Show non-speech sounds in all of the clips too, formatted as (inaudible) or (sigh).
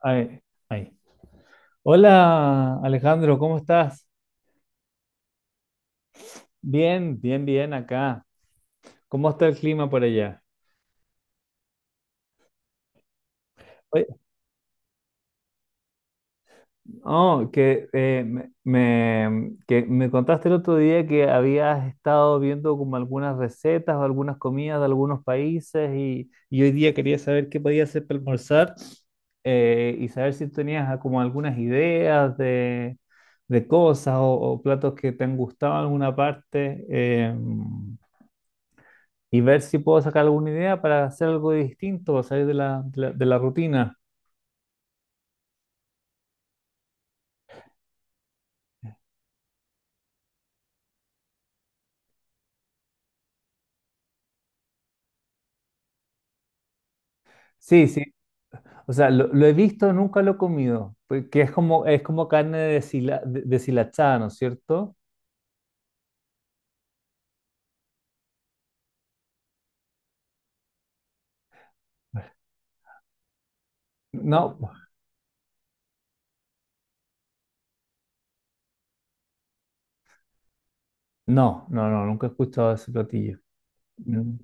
Ay, ay. Hola Alejandro, ¿cómo estás? Bien, bien, bien acá. ¿Cómo está el clima por allá? Oye, que me contaste el otro día que habías estado viendo como algunas recetas o algunas comidas de algunos países y hoy día quería saber qué podía hacer para almorzar y saber si tenías como algunas ideas de cosas o platos que te han gustado en alguna parte. Y ver si puedo sacar alguna idea para hacer algo distinto, para salir de la rutina. Sí, sí. O sea, lo he visto, nunca lo he comido, porque es como carne deshilachada, ¿no es cierto? No, no, no, no, nunca he escuchado ese platillo. Mm.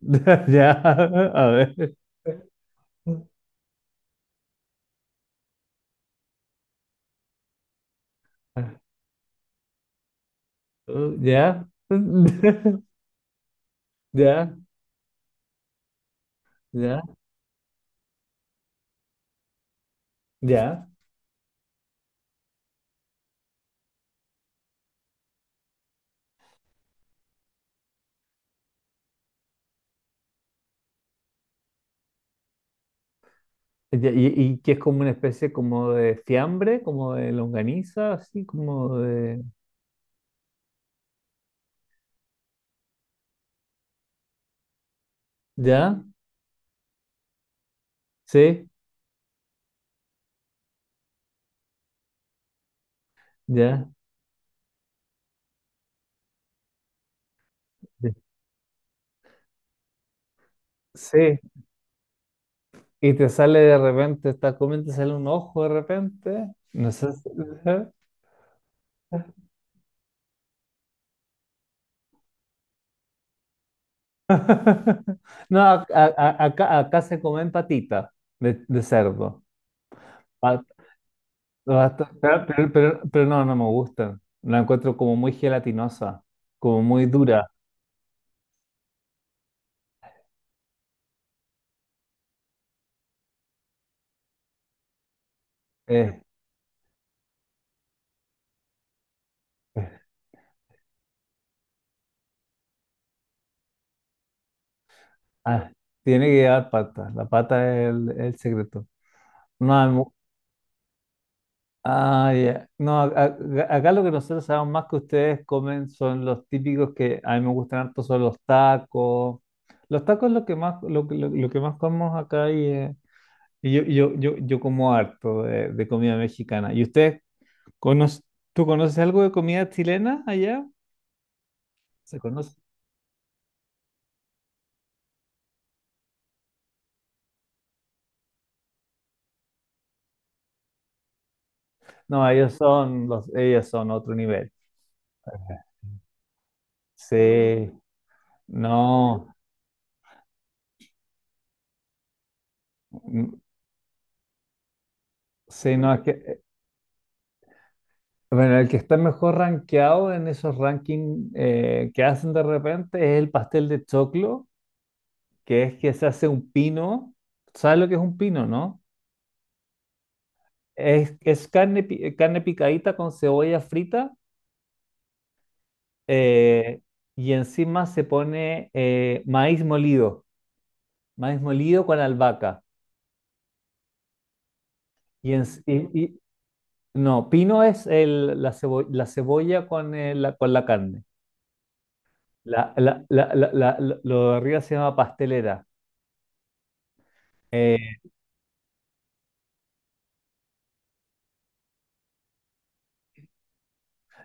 (laughs) Ya, a ver. Ya, (laughs) ya, ya, ya. Ya. Y que es como una especie como de fiambre, como de longaniza, así como de... ¿Ya? Sí, ya. Sí. Sí, y te sale de repente, estás comiendo, te sale un ojo de repente. No sé (laughs) No, acá, acá se comen patitas de cerdo. Pa- Pero, no, no me gustan. La encuentro como muy gelatinosa, como muy dura. Eh, eh, ah, tiene que llevar pata. La pata es el secreto. No, ah, ya. No, acá lo que nosotros sabemos más que ustedes comen son los típicos que a mí me gustan harto, son los tacos. Los tacos es lo que más, lo que más comemos acá y, yo como harto de comida mexicana. ¿Y conoce, tú conoces algo de comida chilena allá? ¿Se conoce? No, ellos son ellos son otro nivel. Sí, no, mm, sí, no, es que bueno, el que está mejor rankeado en esos rankings que hacen de repente es el pastel de choclo, que es que se hace un pino. ¿Sabes lo que es un pino, no? Es carne, carne picadita con cebolla frita eh, y encima se pone maíz molido con albahaca. Y, en- y- y- no, pino es la cebolla con, con la carne. Lo de arriba se llama pastelera. Eh,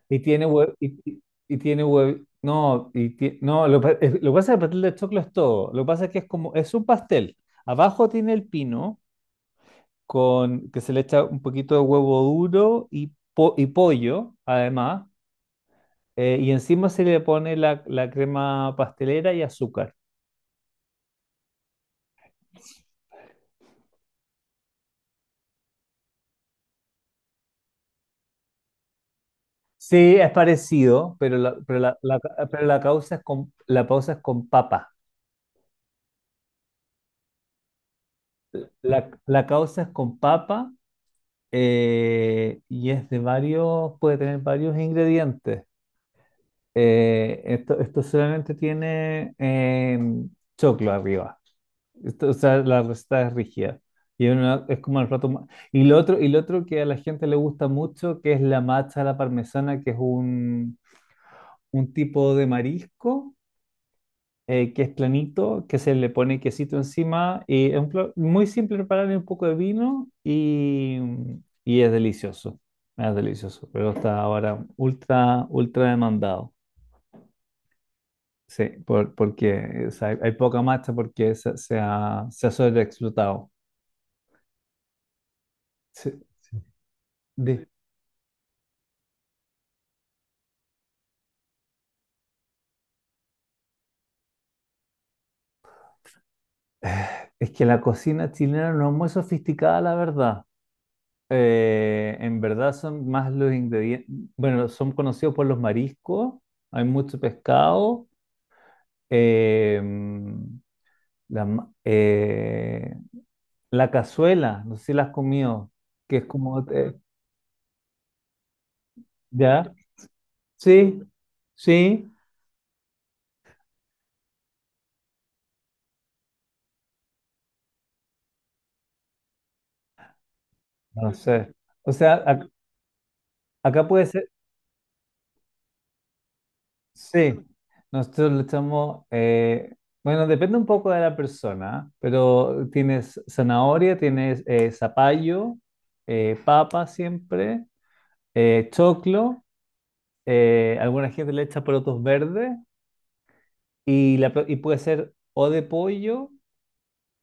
Y tiene hue- y, y- y tiene hue- No, no, lo que pasa es que el pastel de choclo es todo. Lo que pasa es que es como, es un pastel. Abajo tiene el pino, con, que se le echa un poquito de huevo duro y pollo, además. Y encima se le pone la crema pastelera y azúcar. Sí, es parecido, pero la causa es con, la causa es con papa. La la causa es con papa y es de varios, puede tener varios ingredientes. Esto solamente tiene choclo arriba. O sea, la receta es rígida. Es como el plato más... y lo otro que a la gente le gusta mucho, que es la macha a la parmesana, que es un tipo de marisco que es planito, que se le pone quesito encima y es un muy simple prepararle un poco de vino y es delicioso, pero está ahora ultra, ultra demandado. Sí, porque o sea, hay poca marcha porque se ha sobreexplotado. Sí, sí. de- es que la cocina chilena no es muy sofisticada, la verdad. En verdad son más los ingredientes, bueno, son conocidos por los mariscos, hay mucho pescado. Em, la, ma- eh, la cazuela, no sé si la has comido, que es como, ¿ya? Sí, sí, no sé. O sea, acá puede ser, sí, nosotros le echamos, bueno, depende un poco de la persona, ¿ah? Pero tienes zanahoria, tienes zapallo, papa siempre, choclo, alguna gente le echa porotos verdes. Y puede ser o de pollo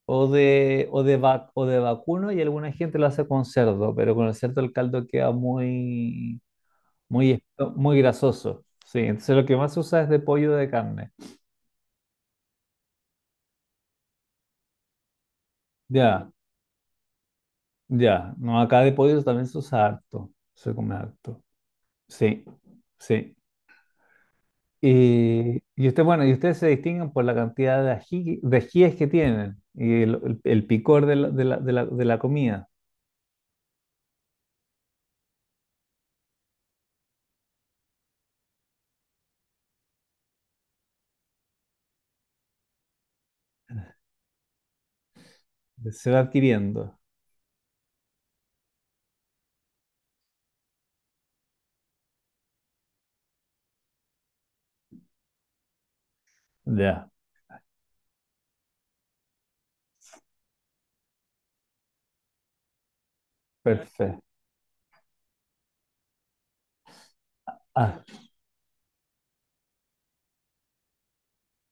o o de vacuno y alguna gente lo hace con cerdo, pero con el cerdo el caldo queda muy, muy grasoso. Sí, entonces lo que más se usa es de pollo o de carne. Ya, ya. No, acá de pollo también se usa harto. Se come harto. Sí, sí. Y y usted, bueno, y ustedes se distinguen por la cantidad de ají, de ajíes que tienen y el picor de la comida. Se va adquiriendo. Ya. Perfecto. Ah,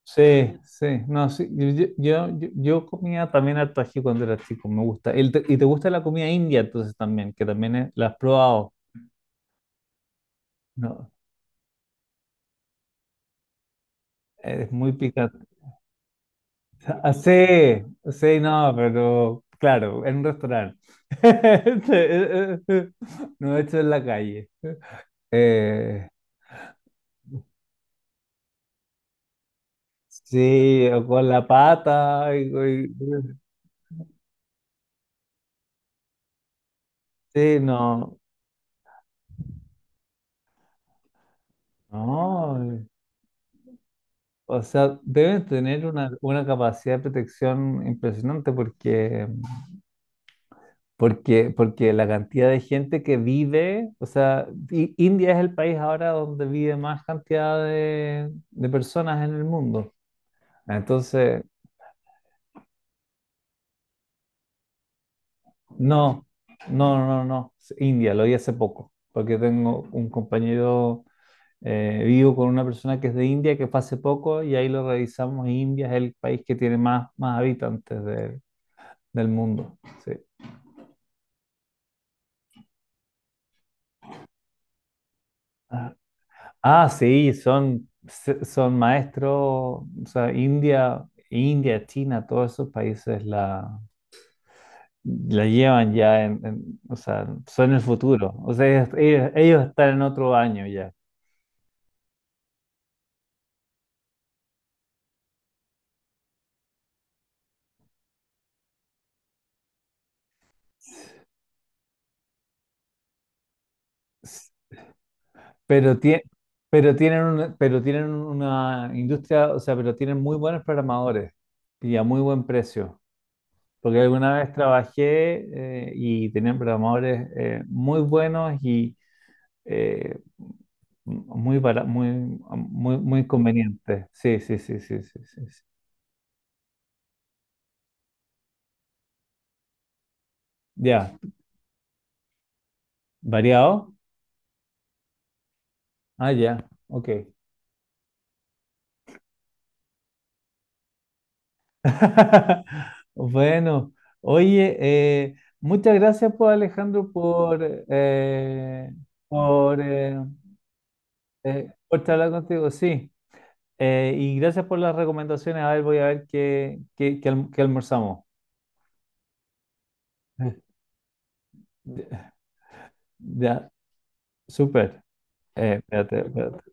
sí, sí. No, sí. Yo comía también harto ají cuando era chico, me gusta. Y te gusta la comida india entonces también, que también la has probado. No, es muy picante. Ah, sí, sí, no, pero claro, en un restaurante. (laughs) No hecho en la calle. Eh, sí, o con la pata. Sí, no. No, o sea, deben tener una capacidad de protección impresionante porque, porque, porque la cantidad de gente que vive, o sea, India es el país ahora donde vive más cantidad de personas en el mundo. Entonces, no, no, no, no, es India, lo vi hace poco, porque tengo un compañero, vivo con una persona que es de India, que fue hace poco, y ahí lo revisamos, y India es el país que tiene más, más habitantes del mundo. Sí. Ah, sí, son, son maestros, o sea, India, India, China, todos esos países la llevan ya o sea, son el futuro. O sea, ellos están en otro año ya. S- Pero, pero tienen una industria, o sea, pero tienen muy buenos programadores y a muy buen precio. Porque alguna vez trabajé y tenían programadores muy buenos eh, muy, muy conveniente. Sí, sí, sí, sí, sí, sí, sí. Ya, variado. Ah, ya, ok. (laughs) Bueno, oye, muchas gracias por Alejandro por, eh, por charlar contigo, sí. Y gracias por las recomendaciones. A ver, voy a ver qué qué almorzamos. (laughs) Ya, súper. Espérate, espérate.